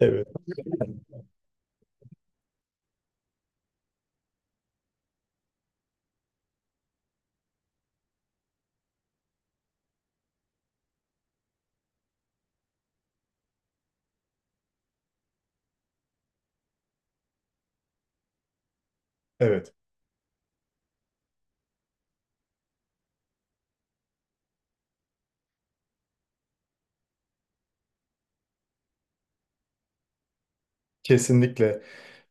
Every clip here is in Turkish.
Evet. Evet. Kesinlikle.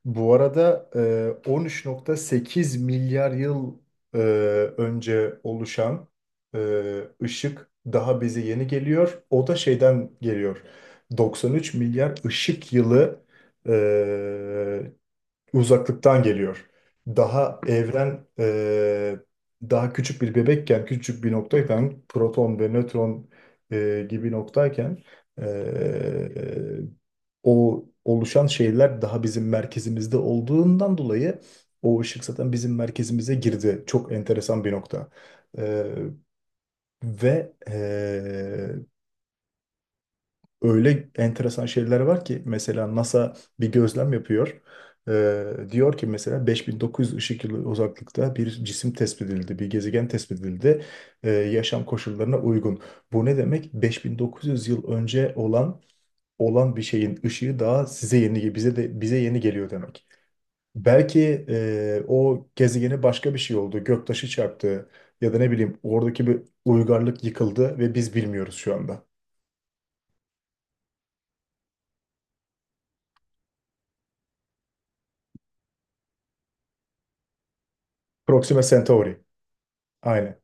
Bu arada 13.8 milyar yıl e, önce oluşan e, ışık daha bize yeni geliyor. O da şeyden geliyor. 93 milyar ışık yılı e, uzaklıktan geliyor. Daha evren daha küçük bir bebekken, küçük bir noktayken, proton ve nötron gibi noktayken e, o oluşan şeyler daha bizim merkezimizde olduğundan dolayı o ışık zaten bizim merkezimize girdi. Çok enteresan bir nokta. E, ve öyle enteresan şeyler var ki mesela NASA bir gözlem yapıyor. Diyor ki mesela 5900 ışık yılı uzaklıkta bir cisim tespit edildi, bir gezegen tespit edildi. Yaşam koşullarına uygun. Bu ne demek? 5900 yıl önce olan bir şeyin ışığı daha size yeni bize de bize yeni geliyor demek. Belki o gezegene başka bir şey oldu, göktaşı çarptı ya da ne bileyim oradaki bir uygarlık yıkıldı ve biz bilmiyoruz şu anda. Proxima Centauri. Aynen.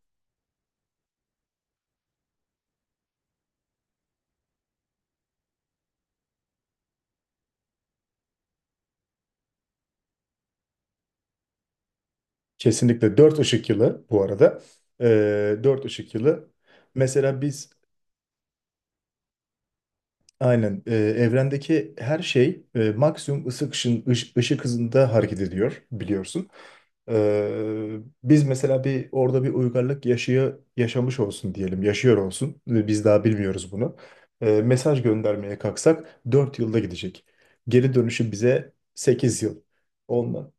Kesinlikle 4 ışık yılı bu arada. 4 ışık yılı. Mesela biz aynen evrendeki her şey maksimum ışık, ışın, ışık hızında hareket ediyor biliyorsun. Ee, biz mesela orada bir uygarlık yaşıyor, yaşamış olsun diyelim, yaşıyor olsun. Biz daha bilmiyoruz bunu. Mesaj göndermeye kalksak 4 yılda gidecek. Geri dönüşü bize 8 yıl. Onunla.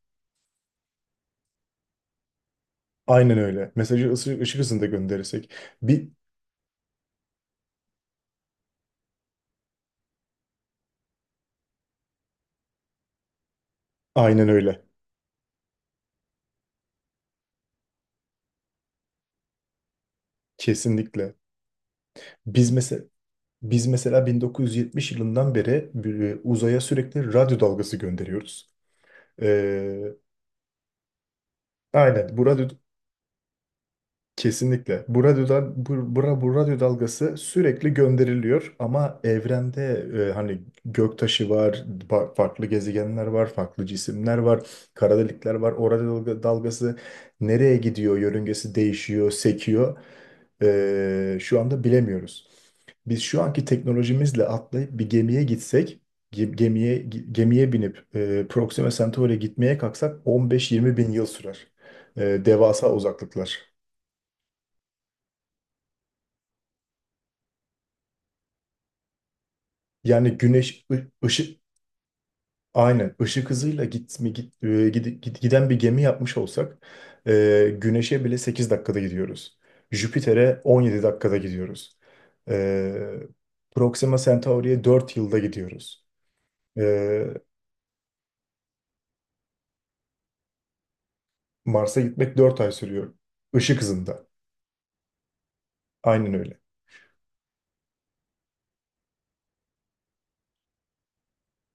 Aynen öyle. Mesajı ışık hızında gönderirsek. Bir, aynen öyle. Kesinlikle. Biz mesela biz mesela 1970 yılından beri uzaya sürekli radyo dalgası gönderiyoruz. Ee, aynen bu radyo. Kesinlikle. Bu radyo dalgası sürekli gönderiliyor ama evrende hani göktaşı var, farklı gezegenler var, farklı cisimler var, kara delikler var. O radyo dalgası nereye gidiyor, yörüngesi değişiyor, sekiyor. Şu anda bilemiyoruz. Biz şu anki teknolojimizle atlayıp bir gemiye gitsek, ge- gemiye gemiye binip Proxima Centauri'ye gitmeye kalksak 15-20 bin yıl sürer. Devasa uzaklıklar. Yani güneş ı- ışık aynen ışık hızıyla gitme git, e, gid- gid- giden bir gemi yapmış olsak güneşe bile 8 dakikada gidiyoruz. Jüpiter'e 17 dakikada gidiyoruz. E, Proxima Centauri'ye 4 yılda gidiyoruz. E, Mars'a gitmek 4 ay sürüyor. Işık hızında. Aynen öyle.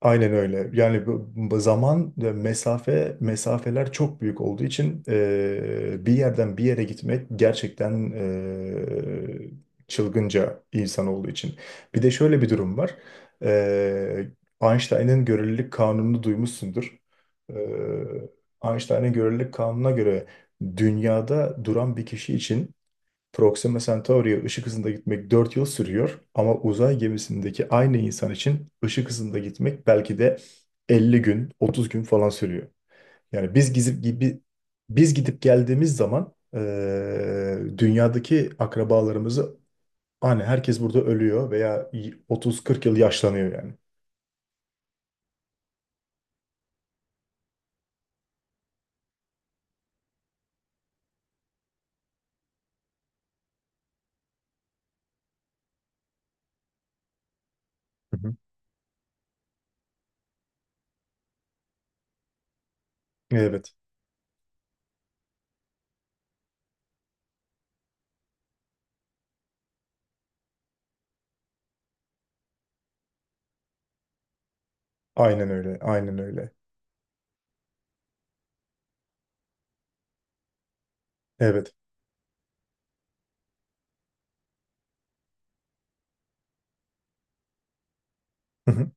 Aynen öyle. Yani bu zaman ve mesafeler çok büyük olduğu için bir yerden bir yere gitmek gerçekten çılgınca insan olduğu için. Bir de şöyle bir durum var. Eee Einstein'ın görelilik kanununu duymuşsundur. Eee Einstein'ın görelilik kanununa göre dünyada duran bir kişi için Proxima Centauri'ye ışık hızında gitmek 4 yıl sürüyor ama uzay gemisindeki aynı insan için ışık hızında gitmek belki de 50 gün, 30 gün falan sürüyor. Yani biz gidip geldiğimiz zaman dünyadaki akrabalarımızı hani herkes burada ölüyor veya 30-40 yıl yaşlanıyor yani. Hı hı. Evet. Aynen öyle. Aynen öyle. Evet. Hı hı.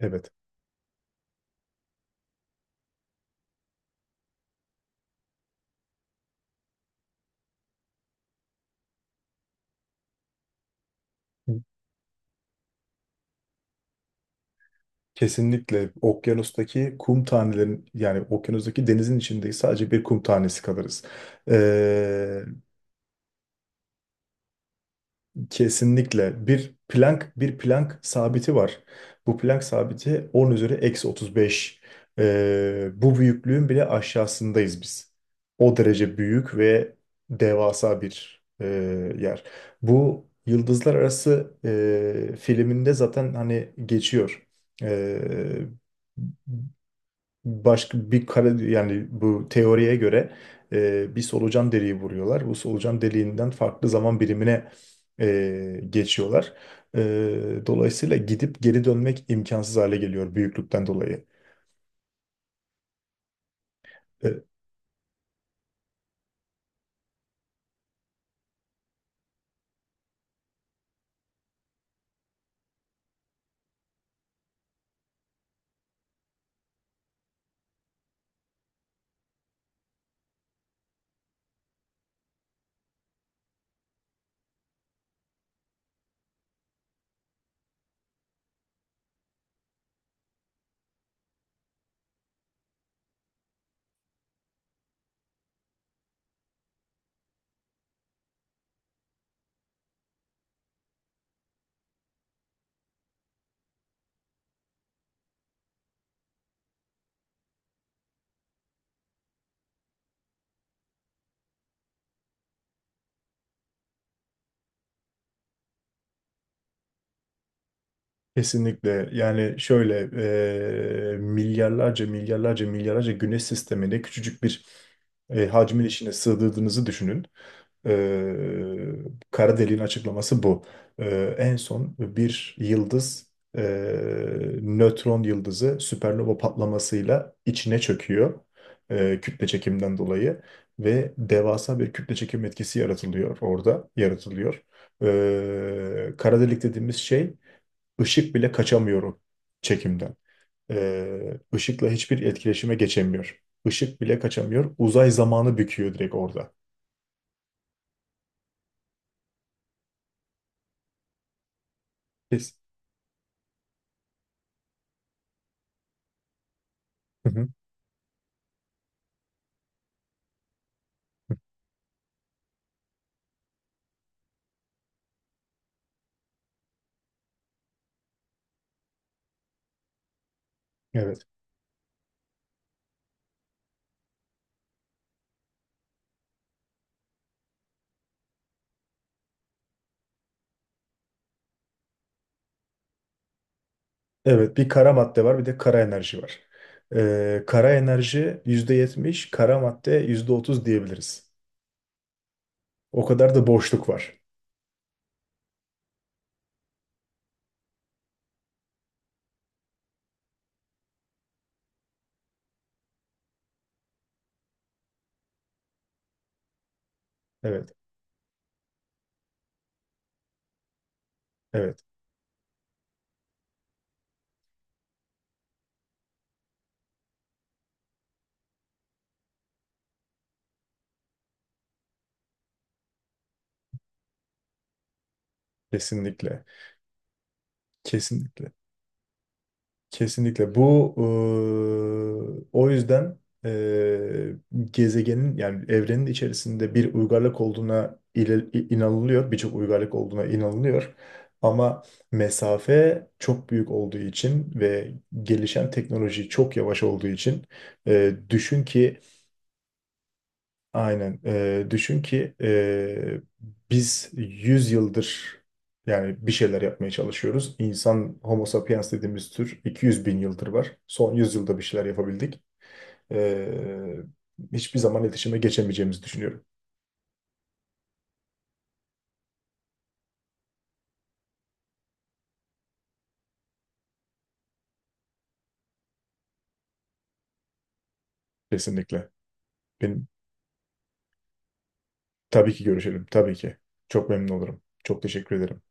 Evet. Kesinlikle okyanustaki kum tanelerin, yani okyanustaki denizin içindeyiz, sadece bir kum tanesi kalırız. Ee, kesinlikle bir plank sabiti var. Bu plank sabiti 10 üzeri eksi 35. Bu büyüklüğün bile aşağısındayız biz. O derece büyük ve devasa bir yer. Bu Yıldızlar Arası filminde zaten hani geçiyor. Ee, başka bir kara yani bu teoriye göre bir solucan deliği vuruyorlar. Bu solucan deliğinden farklı zaman birimine geçiyorlar. Dolayısıyla gidip geri dönmek imkansız hale geliyor büyüklükten dolayı. E, Kesinlikle yani şöyle milyarlarca milyarlarca milyarlarca güneş sistemine küçücük bir hacmin içine sığdırdığınızı düşünün. E, kara deliğin açıklaması bu. En son bir yıldız e, nötron yıldızı süpernova patlamasıyla içine çöküyor kütle çekimden dolayı ve devasa bir kütle çekim etkisi yaratılıyor. Kara delik dediğimiz şey, Işık bile kaçamıyorum çekimden. Işıkla hiçbir etkileşime geçemiyor. Işık bile kaçamıyor. Uzay zamanı büküyor direkt orada. Biz. Hı hı. Evet. Evet, bir kara madde var, bir de kara enerji var. Kara enerji %70, kara madde %30 diyebiliriz. O kadar da boşluk var. Evet, evet. Kesinlikle. Kesinlikle. Kesinlikle. Bu o yüzden eee, gezegenin, yani evrenin içerisinde bir uygarlık olduğuna inanılıyor. Birçok uygarlık olduğuna inanılıyor. Ama mesafe çok büyük olduğu için ve gelişen teknoloji çok yavaş olduğu için düşün ki. Aynen. Düşün ki biz 100 yıldır yani bir şeyler yapmaya çalışıyoruz. İnsan Homo sapiens dediğimiz tür 200 bin yıldır var. Son 100 yılda bir şeyler yapabildik. Ee, hiçbir zaman iletişime geçemeyeceğimizi düşünüyorum. Kesinlikle. Benim. Tabii ki görüşelim. Tabii ki. Çok memnun olurum. Çok teşekkür ederim.